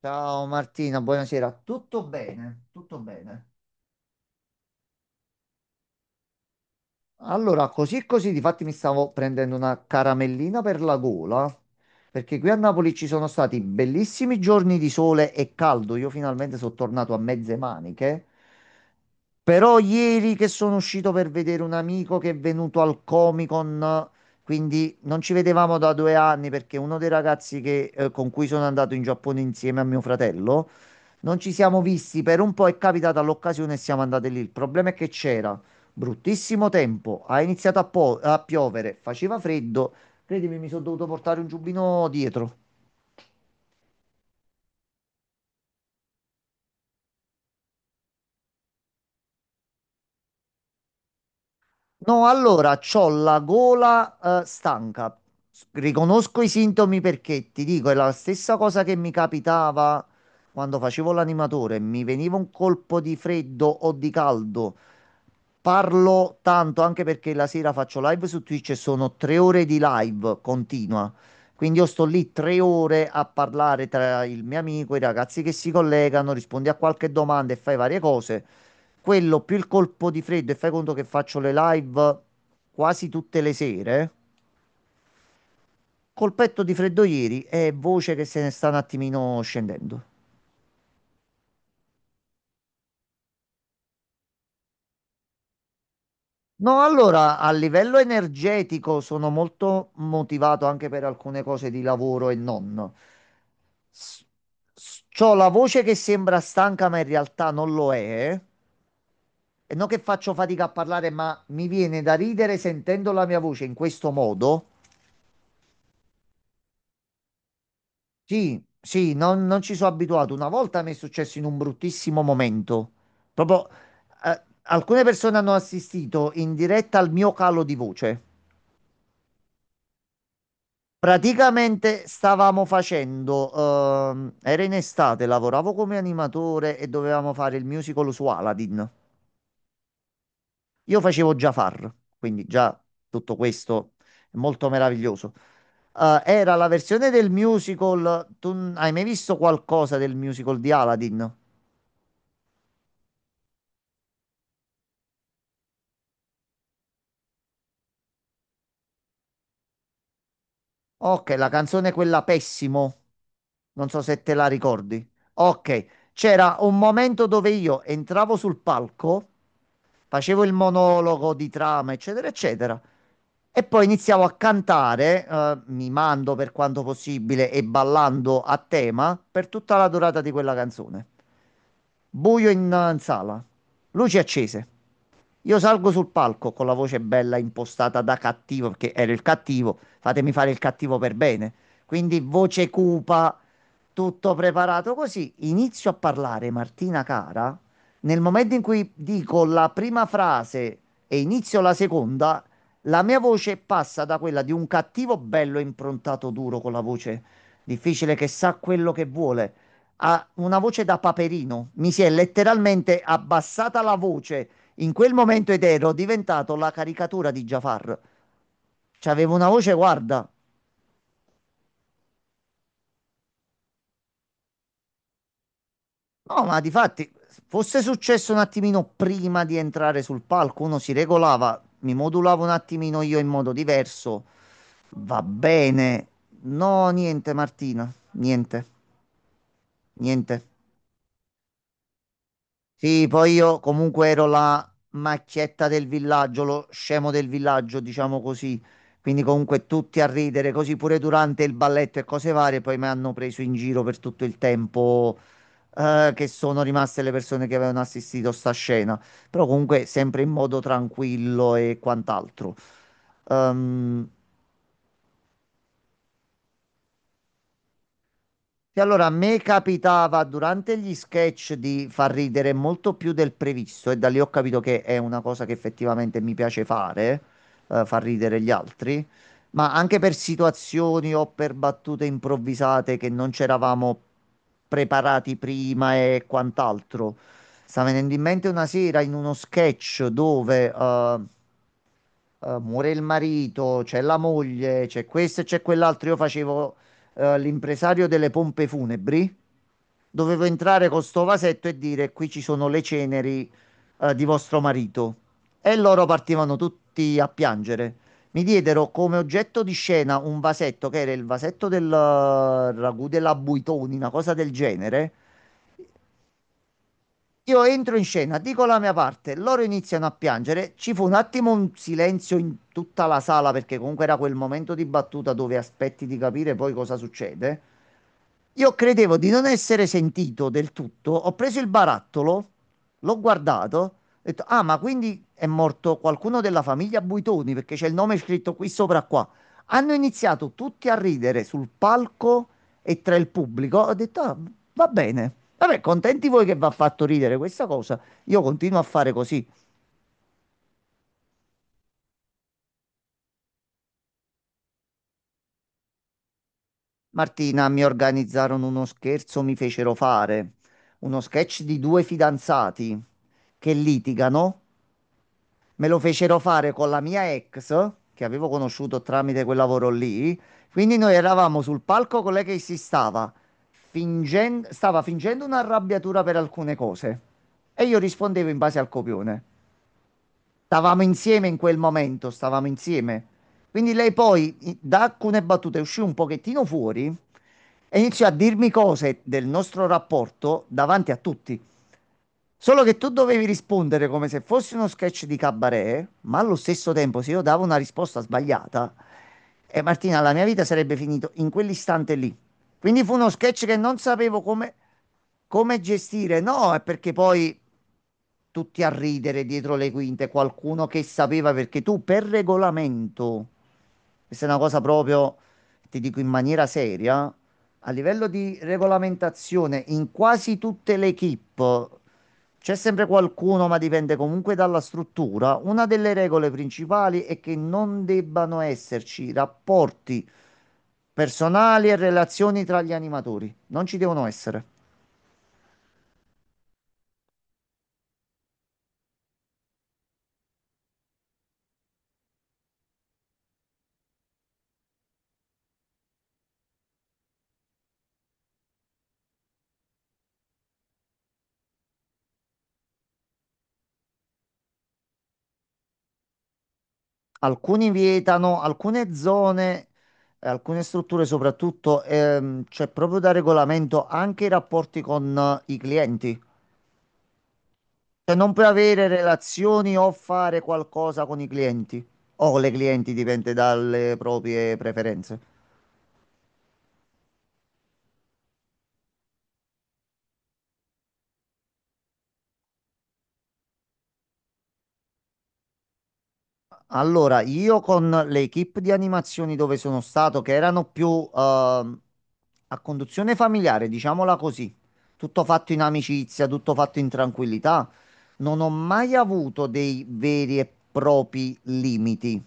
Ciao Martina, buonasera. Tutto bene? Tutto bene. Allora, così e così, difatti mi stavo prendendo una caramellina per la gola, perché qui a Napoli ci sono stati bellissimi giorni di sole e caldo. Io finalmente sono tornato a mezze maniche. Però ieri che sono uscito per vedere un amico che è venuto al Comic-Con, quindi non ci vedevamo da 2 anni perché uno dei ragazzi che, con cui sono andato in Giappone insieme a mio fratello. Non ci siamo visti per un po', è capitata l'occasione e siamo andati lì. Il problema è che c'era bruttissimo tempo, ha iniziato a piovere, faceva freddo. Credimi, mi sono dovuto portare un giubbino dietro. No, allora, c'ho la gola, stanca. Riconosco i sintomi perché ti dico, è la stessa cosa che mi capitava quando facevo l'animatore. Mi veniva un colpo di freddo o di caldo. Parlo tanto anche perché la sera faccio live su Twitch e sono 3 ore di live continua. Quindi io sto lì 3 ore a parlare tra il mio amico, i ragazzi che si collegano, rispondi a qualche domanda e fai varie cose. Quello più il colpo di freddo e fai conto che faccio le live quasi tutte le sere. Colpetto di freddo ieri e voce che se ne sta un attimino scendendo. No, allora a livello energetico sono molto motivato anche per alcune cose di lavoro e non. S- C'ho la voce che sembra stanca, ma in realtà non lo è. E non che faccio fatica a parlare, ma mi viene da ridere sentendo la mia voce in questo modo. Sì, sì, non ci sono abituato. Una volta mi è successo in un bruttissimo momento. Proprio, alcune persone hanno assistito in diretta al mio calo di voce. Praticamente stavamo facendo, era in estate, lavoravo come animatore e dovevamo fare il musical su Aladdin. Io facevo Jafar, quindi già tutto questo è molto meraviglioso. Era la versione del musical, tu hai mai visto qualcosa del musical di Aladdin? Ok, la canzone quella Pessimo. Non so se te la ricordi. Ok, c'era un momento dove io entravo sul palco, facevo il monologo di trama, eccetera, eccetera, e poi iniziavo a cantare, mimando per quanto possibile e ballando a tema per tutta la durata di quella canzone. Buio in sala, luci accese. Io salgo sul palco con la voce bella impostata da cattivo, perché ero il cattivo, fatemi fare il cattivo per bene. Quindi voce cupa, tutto preparato così. Inizio a parlare, Martina cara. Nel momento in cui dico la prima frase e inizio la seconda, la mia voce passa da quella di un cattivo bello improntato duro con la voce difficile che sa quello che vuole a una voce da paperino. Mi si è letteralmente abbassata la voce in quel momento ed ero diventato la caricatura di Jafar. C'avevo una voce, guarda. No, ma di fatti, fosse successo un attimino prima di entrare sul palco, uno si regolava, mi modulavo un attimino io in modo diverso. Va bene. No, niente, Martina. Niente, niente. Sì, poi io comunque ero la macchietta del villaggio, lo scemo del villaggio, diciamo così. Quindi comunque tutti a ridere, così pure durante il balletto e cose varie, poi mi hanno preso in giro per tutto il tempo, che sono rimaste le persone che avevano assistito a sta scena. Però comunque sempre in modo tranquillo e quant'altro. Ehm, Sì, allora a me capitava durante gli sketch di far ridere molto più del previsto e da lì ho capito che è una cosa che effettivamente mi piace fare, far ridere gli altri, ma anche per situazioni o per battute improvvisate che non c'eravamo preparati prima e quant'altro. Sta venendo in mente una sera in uno sketch dove muore il marito, c'è la moglie, c'è questo e c'è quell'altro, io facevo l'impresario delle pompe funebri. Dovevo entrare con sto vasetto e dire: qui ci sono le ceneri di vostro marito. E loro partivano tutti a piangere. Mi diedero come oggetto di scena un vasetto che era il vasetto del ragù della Buitoni, una cosa del genere. Io entro in scena, dico la mia parte, loro iniziano a piangere. Ci fu un attimo un silenzio in tutta la sala perché comunque era quel momento di battuta dove aspetti di capire poi cosa succede. Io credevo di non essere sentito del tutto. Ho preso il barattolo, l'ho guardato, ho detto: "Ah, ma quindi è morto qualcuno della famiglia Buitoni perché c'è il nome scritto qui sopra qua". Hanno iniziato tutti a ridere sul palco e tra il pubblico. Ho detto: "Ah, va bene. Vabbè, contenti voi che vi ha fatto ridere questa cosa. Io continuo a fare così". Martina, mi organizzarono uno scherzo, mi fecero fare uno sketch di due fidanzati che litigano. Me lo fecero fare con la mia ex, che avevo conosciuto tramite quel lavoro lì. Quindi noi eravamo sul palco con lei che si stava stava fingendo un'arrabbiatura per alcune cose. E io rispondevo in base al copione. Stavamo insieme in quel momento, stavamo insieme. Quindi lei poi da alcune battute uscì un pochettino fuori e iniziò a dirmi cose del nostro rapporto davanti a tutti. Solo che tu dovevi rispondere come se fosse uno sketch di cabaret, ma allo stesso tempo se io davo una risposta sbagliata, e Martina, la mia vita sarebbe finita in quell'istante lì. Quindi fu uno sketch che non sapevo come, come gestire. No, è perché poi tutti a ridere dietro le quinte, qualcuno che sapeva perché tu per regolamento, questa è una cosa proprio, ti dico in maniera seria, a livello di regolamentazione in quasi tutte le equip c'è sempre qualcuno, ma dipende comunque dalla struttura. Una delle regole principali è che non debbano esserci rapporti personali e relazioni tra gli animatori, non ci devono essere. Alcuni vietano, alcune zone, alcune strutture soprattutto, c'è proprio da regolamento anche i rapporti con i clienti. Cioè non puoi avere relazioni o fare qualcosa con i clienti o con le clienti, dipende dalle proprie preferenze. Allora, io con le equip di animazioni dove sono stato, che erano più ehm, a conduzione familiare, diciamola così, tutto fatto in amicizia, tutto fatto in tranquillità, non ho mai avuto dei veri e propri limiti.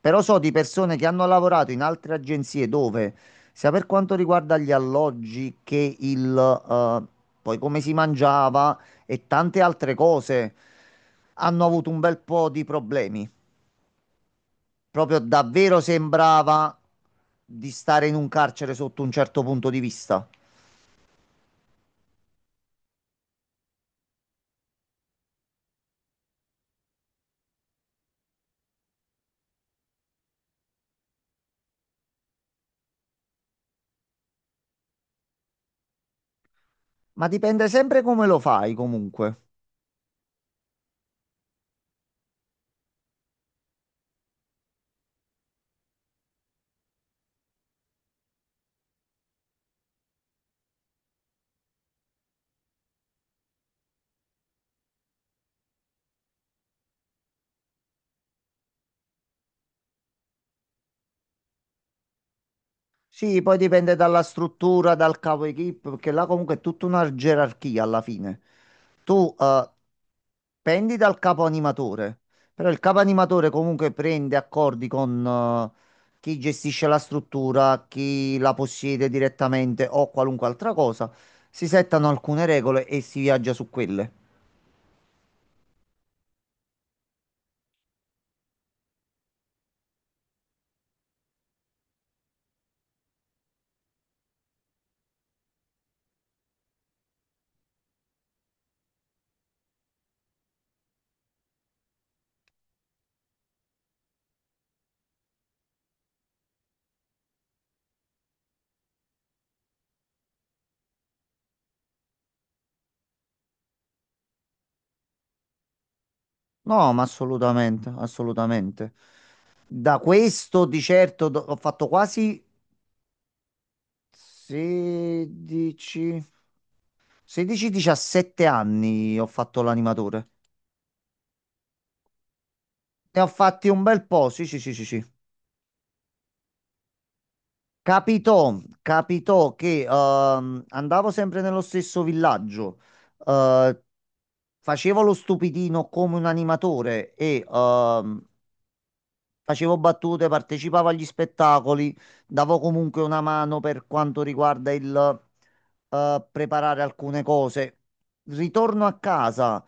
Però so di persone che hanno lavorato in altre agenzie dove, sia per quanto riguarda gli alloggi che il, poi come si mangiava e tante altre cose, hanno avuto un bel po' di problemi. Proprio davvero sembrava di stare in un carcere sotto un certo punto di vista. Ma dipende sempre come lo fai, comunque. Sì, poi dipende dalla struttura, dal capo equip, perché là comunque è tutta una gerarchia alla fine. Tu pendi dal capo animatore, però il capo animatore comunque prende accordi con chi gestisce la struttura, chi la possiede direttamente o qualunque altra cosa. Si settano alcune regole e si viaggia su quelle. No, ma assolutamente, assolutamente. Da questo di certo ho fatto quasi 16, 16-17 anni ho fatto l'animatore. Ne ho fatti un bel po', sì, sì, sì, sì, sì. Capitò che andavo sempre nello stesso villaggio, eh, facevo lo stupidino come un animatore e facevo battute, partecipavo agli spettacoli, davo comunque una mano per quanto riguarda il preparare alcune cose. Ritorno a casa,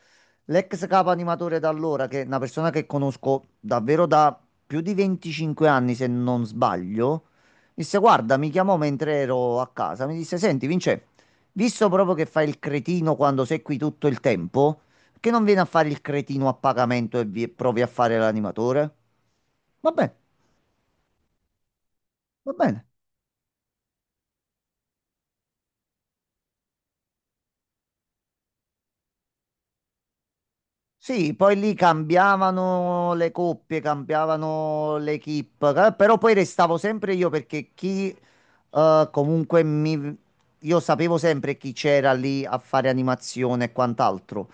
l'ex capo animatore da allora, che è una persona che conosco davvero da più di 25 anni, se non sbaglio, disse: "Guarda", mi chiamò mentre ero a casa. Mi disse: "Senti, Vince, visto proprio che fai il cretino quando sei qui tutto il tempo, perché non vieni a fare il cretino a pagamento e provi a fare l'animatore?". Va bene, va bene. Sì, poi lì cambiavano le coppie, cambiavano le equip, però poi restavo sempre io perché chi comunque mi... Io sapevo sempre chi c'era lì a fare animazione e quant'altro.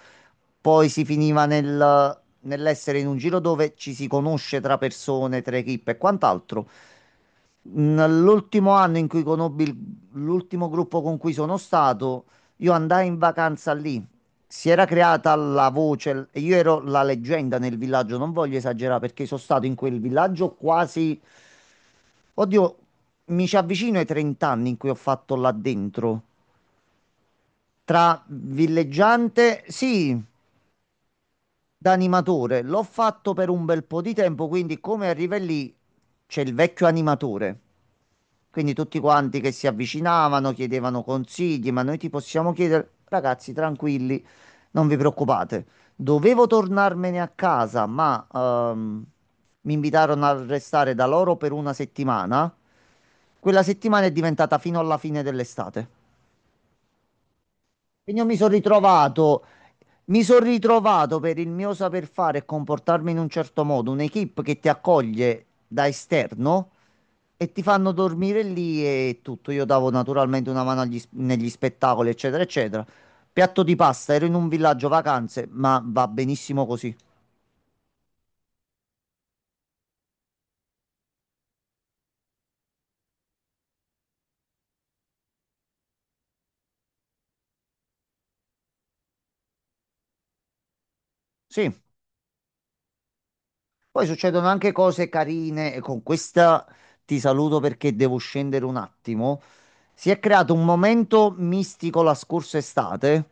Poi si finiva nel, nell'essere in un giro dove ci si conosce tra persone, tra equip e quant'altro. Nell'ultimo anno in cui conobbi l'ultimo gruppo con cui sono stato, io andai in vacanza lì. Si era creata la voce, e io ero la leggenda nel villaggio, non voglio esagerare perché sono stato in quel villaggio quasi, oddio, mi ci avvicino ai 30 anni in cui ho fatto là dentro. Tra villeggiante, sì, da animatore, l'ho fatto per un bel po' di tempo, quindi come arriva lì c'è il vecchio animatore. Quindi tutti quanti che si avvicinavano chiedevano consigli, ma noi ti possiamo chiedere, ragazzi, tranquilli, non vi preoccupate. Dovevo tornarmene a casa, ma mi invitarono a restare da loro per una settimana. Quella settimana è diventata fino alla fine dell'estate. Quindi io mi sono ritrovato per il mio saper fare e comportarmi in un certo modo, un'equipe che ti accoglie da esterno e ti fanno dormire lì e tutto. Io davo naturalmente una mano agli negli spettacoli, eccetera, eccetera. Piatto di pasta, ero in un villaggio vacanze, ma va benissimo così. Sì. Poi succedono anche cose carine e con questa ti saluto perché devo scendere un attimo. Si è creato un momento mistico la scorsa estate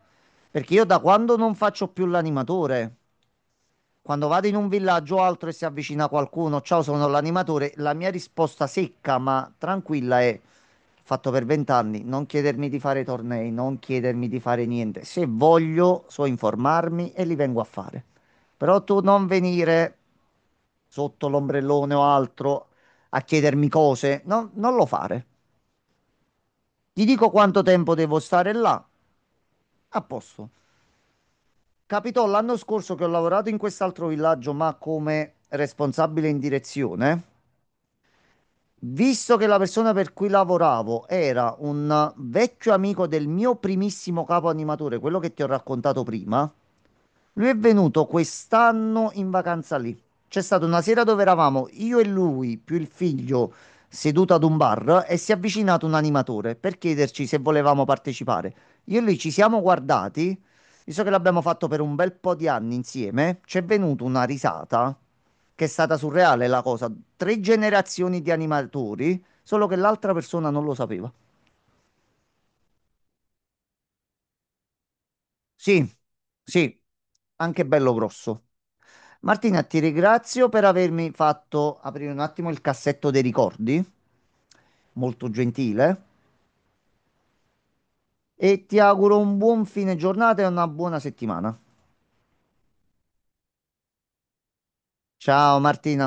perché io da quando non faccio più l'animatore. Quando vado in un villaggio o altro e si avvicina qualcuno, ciao, sono l'animatore, la mia risposta secca ma tranquilla è: fatto per 20 anni, non chiedermi di fare tornei, non chiedermi di fare niente. Se voglio, so informarmi e li vengo a fare. Però tu non venire sotto l'ombrellone o altro a chiedermi cose, no, non lo fare. Ti dico quanto tempo devo stare là, a posto. Capitò l'anno scorso che ho lavorato in quest'altro villaggio, ma come responsabile in direzione. Visto che la persona per cui lavoravo era un vecchio amico del mio primissimo capo animatore, quello che ti ho raccontato prima, lui è venuto quest'anno in vacanza lì. C'è stata una sera dove eravamo io e lui, più il figlio, seduto ad un bar e si è avvicinato un animatore per chiederci se volevamo partecipare. Io e lui ci siamo guardati, visto che l'abbiamo fatto per un bel po' di anni insieme, c'è venuta una risata che è stata surreale la cosa. Tre generazioni di animatori, solo che l'altra persona non lo sapeva. Sì, sì, anche bello grosso. Martina, ti ringrazio per avermi fatto aprire un attimo il cassetto dei ricordi, molto gentile, e ti auguro un buon fine giornata e una buona settimana. Ciao Martina.